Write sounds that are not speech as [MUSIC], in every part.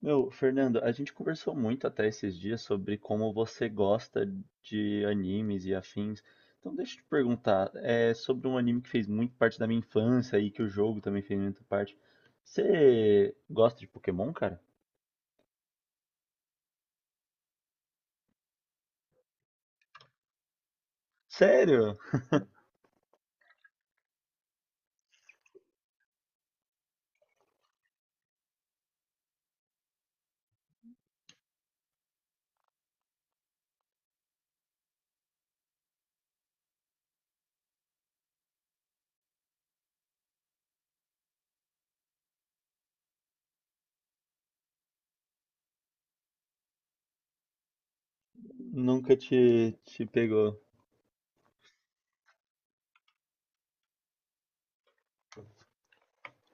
Meu, Fernando, a gente conversou muito até esses dias sobre como você gosta de animes e afins. Então deixa eu te perguntar, é sobre um anime que fez muito parte da minha infância e que o jogo também fez muita parte. Você gosta de Pokémon, cara? Sério? Nunca te pegou.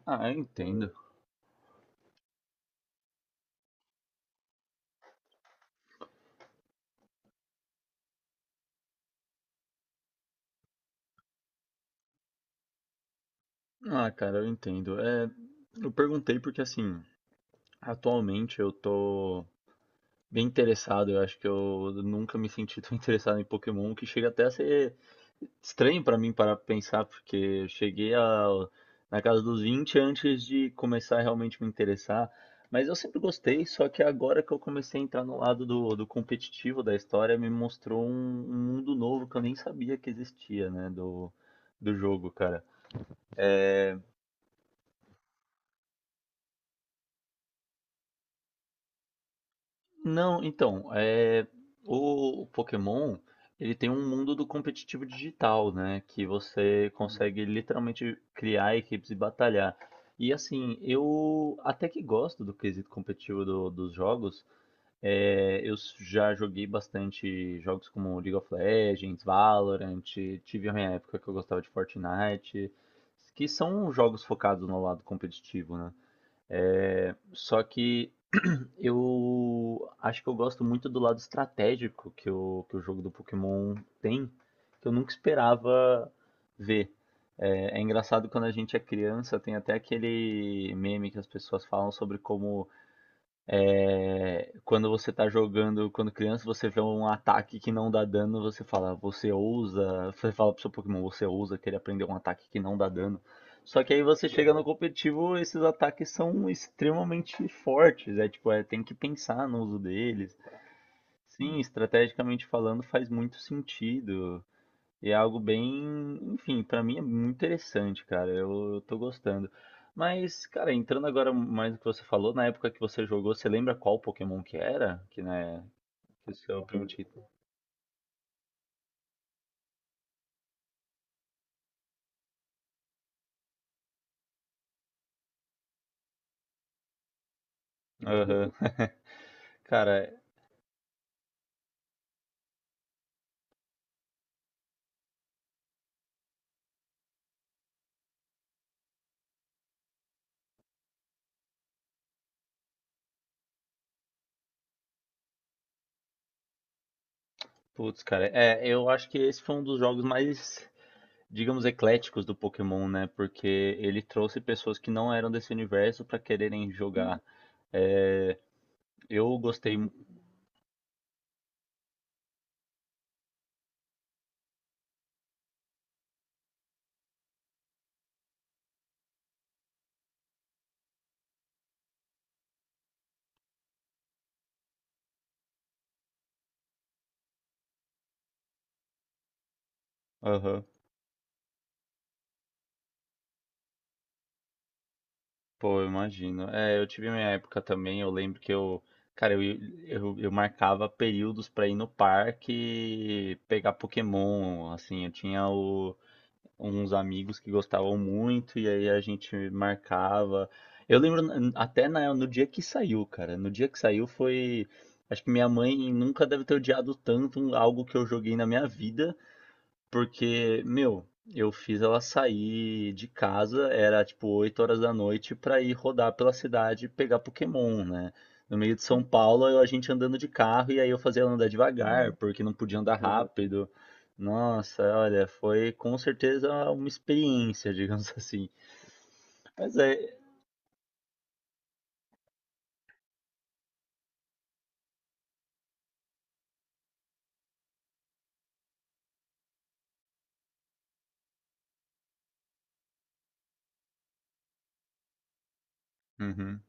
Ah, eu entendo. Ah, cara, eu entendo. É, eu perguntei porque assim, atualmente eu tô bem interessado. Eu acho que eu nunca me senti tão [LAUGHS] interessado em Pokémon que chega até a ser estranho para mim parar pra pensar, porque eu cheguei a, na casa dos 20 antes de começar a realmente me interessar. Mas eu sempre gostei, só que agora que eu comecei a entrar no lado do competitivo da história, me mostrou um mundo novo que eu nem sabia que existia, né, do jogo, cara. Não, então, é, o Pokémon, ele tem um mundo do competitivo digital, né? Que você consegue literalmente criar equipes e batalhar. E assim, eu até que gosto do quesito competitivo dos jogos. É, já joguei bastante jogos como League of Legends, Valorant, tive a minha época que eu gostava de Fortnite, que são jogos focados no lado competitivo, né? Só que eu acho que eu gosto muito do lado estratégico que o jogo do Pokémon tem, que eu nunca esperava ver. É, é engraçado quando a gente é criança, tem até aquele meme que as pessoas falam sobre como é, quando você tá jogando, quando criança, você vê um ataque que não dá dano, você fala, você ousa. Você fala pro seu Pokémon, você ousa querer aprender um ataque que não dá dano. Só que aí você chega no competitivo, esses ataques são extremamente fortes. É tipo, é, tem que pensar no uso deles. Sim, estrategicamente falando, faz muito sentido. E é algo bem, enfim, pra mim é muito interessante, cara. Eu tô gostando. Mas, cara, entrando agora mais no que você falou, na época que você jogou, você lembra qual Pokémon que era? Que, né, que esse é o primeiro título. Aham. [LAUGHS] Cara, putz, cara, é, eu acho que esse foi um dos jogos mais, digamos, ecléticos do Pokémon, né? Porque ele trouxe pessoas que não eram desse universo pra quererem jogar. É, eu gostei. Aham. Pô, eu imagino. É, eu tive minha época também, eu lembro que eu, cara, eu marcava períodos pra ir no parque pegar Pokémon, assim, uns amigos que gostavam muito e aí a gente marcava. Eu lembro até no dia que saiu, cara, no dia que saiu foi, acho que minha mãe nunca deve ter odiado tanto algo que eu joguei na minha vida, porque, meu, eu fiz ela sair de casa, era tipo 20:00, pra ir rodar pela cidade e pegar Pokémon, né? No meio de São Paulo, a gente andando de carro e aí eu fazia ela andar devagar, porque não podia andar rápido. Nossa, olha, foi com certeza uma experiência, [LAUGHS] digamos assim. Mas é. Uhum.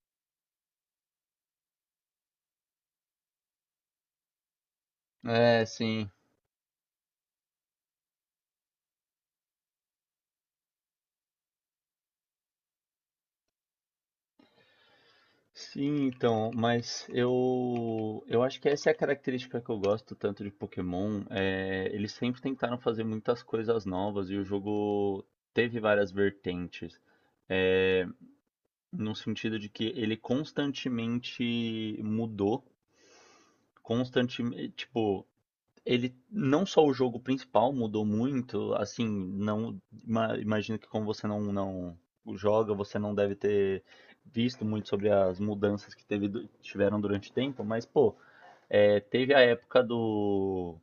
É, sim. Sim, então, mas eu acho que essa é a característica que eu gosto tanto de Pokémon. É, eles sempre tentaram fazer muitas coisas novas e o jogo teve várias vertentes, é, no sentido de que ele constantemente mudou, constantemente, tipo, ele não só o jogo principal mudou muito, assim, não imagino que como você não joga, você não deve ter visto muito sobre as mudanças que tiveram durante o tempo, mas pô, é,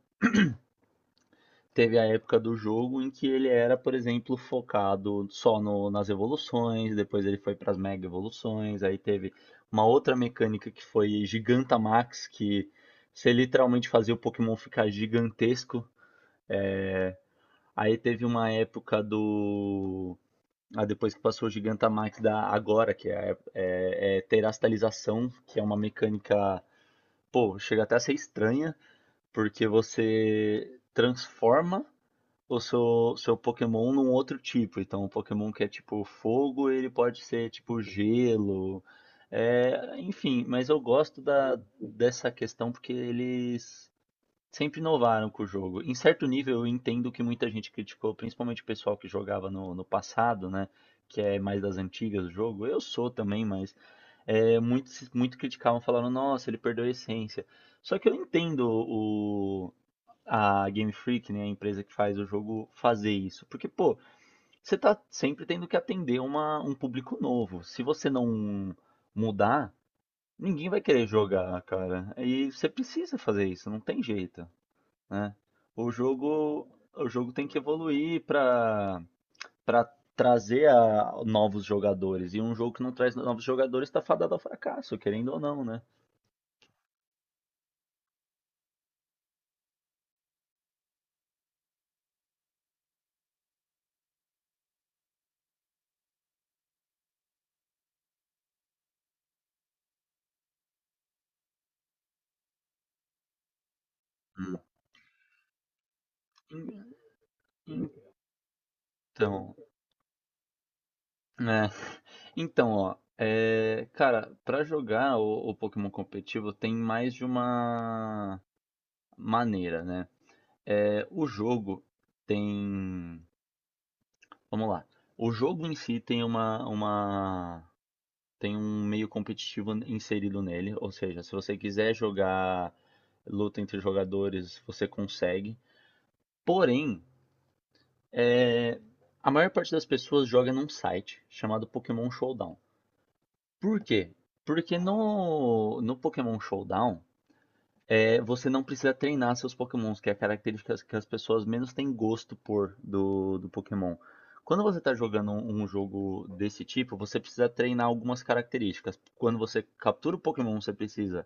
teve a época do jogo em que ele era, por exemplo, focado só nas evoluções, depois ele foi para as mega evoluções, aí teve uma outra mecânica que foi Gigantamax, que você literalmente fazia o Pokémon ficar gigantesco. Aí teve uma época do. Ah, depois que passou o Gigantamax da agora, que é terastalização, que é uma mecânica. Pô, chega até a ser estranha, porque você transforma o seu Pokémon num outro tipo. Então, o Pokémon que é tipo fogo, ele pode ser tipo gelo. É, enfim, mas eu gosto da, dessa questão porque eles sempre inovaram com o jogo. Em certo nível, eu entendo que muita gente criticou, principalmente o pessoal que jogava no passado, né? Que é mais das antigas do jogo. Eu sou também, mas é, muito criticavam, falando, nossa, ele perdeu a essência. Só que eu entendo o, a Game Freak, né, a empresa que faz o jogo, fazer isso. Porque, pô, você tá sempre tendo que atender um público novo. Se você não mudar, ninguém vai querer jogar, cara. E você precisa fazer isso, não tem jeito né? O jogo, o jogo tem que evoluir para trazer novos jogadores. E um jogo que não traz novos jogadores está fadado ao fracasso, querendo ou não, né? Hum. En- Então, né? Então, ó, é, cara, para jogar o Pokémon competitivo tem mais de uma maneira, né? É, o jogo tem, vamos lá. O jogo em si tem uma tem um meio competitivo inserido nele, ou seja, se você quiser jogar luta entre jogadores, você consegue. Porém, é, a maior parte das pessoas joga num site chamado Pokémon Showdown. Por quê? Porque no Pokémon Showdown é, você não precisa treinar seus Pokémons, que é a característica que as pessoas menos têm gosto por do Pokémon. Quando você está jogando um jogo desse tipo, você precisa treinar algumas características. Quando você captura o Pokémon, você precisa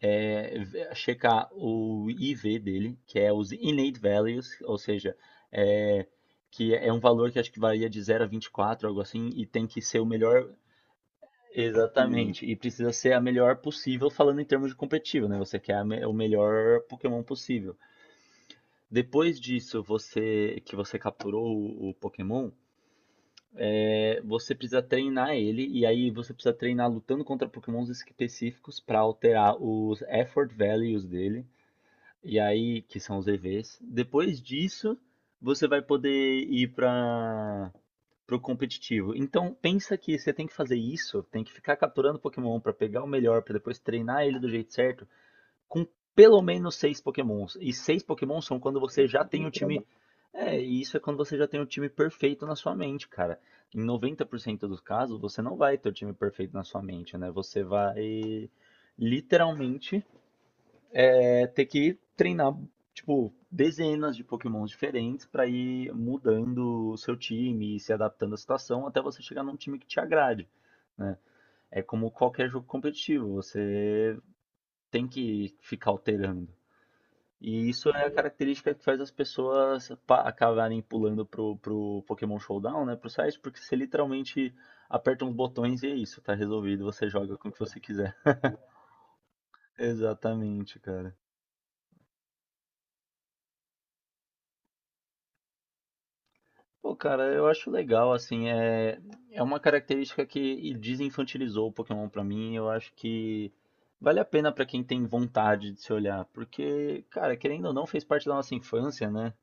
é, checar o IV dele, que é os innate values, ou seja, é, que é um valor que acho que varia de 0 a 24, algo assim, e tem que ser o melhor. Exatamente, e precisa ser a melhor possível falando em termos de competitivo, né? Você quer o melhor Pokémon possível. Depois disso, você que você capturou o Pokémon, é, você precisa treinar ele e aí você precisa treinar lutando contra Pokémons específicos para alterar os effort values dele. E aí, que são os EVs. Depois disso, você vai poder ir para o competitivo. Então, pensa que você tem que fazer isso, tem que ficar capturando Pokémon para pegar o melhor, para depois treinar ele do jeito certo, com pelo menos 6 Pokémons. E 6 Pokémons são quando você já tem o time. É, e isso é quando você já tem o time perfeito na sua mente, cara. Em 90% dos casos, você não vai ter o time perfeito na sua mente, né? Você vai literalmente é ter que treinar, tipo, dezenas de pokémons diferentes para ir mudando o seu time e se adaptando à situação até você chegar num time que te agrade, né? É como qualquer jogo competitivo, você tem que ficar alterando. E isso é a característica que faz as pessoas acabarem pulando pro Pokémon Showdown, né? Pro site, porque você literalmente aperta uns botões e é isso, tá resolvido, você joga com o que você quiser. [LAUGHS] Exatamente, cara. Pô, cara, eu acho legal, assim, é, é uma característica que desinfantilizou o Pokémon pra mim, eu acho que vale a pena pra quem tem vontade de se olhar, porque, cara, querendo ou não, fez parte da nossa infância, né?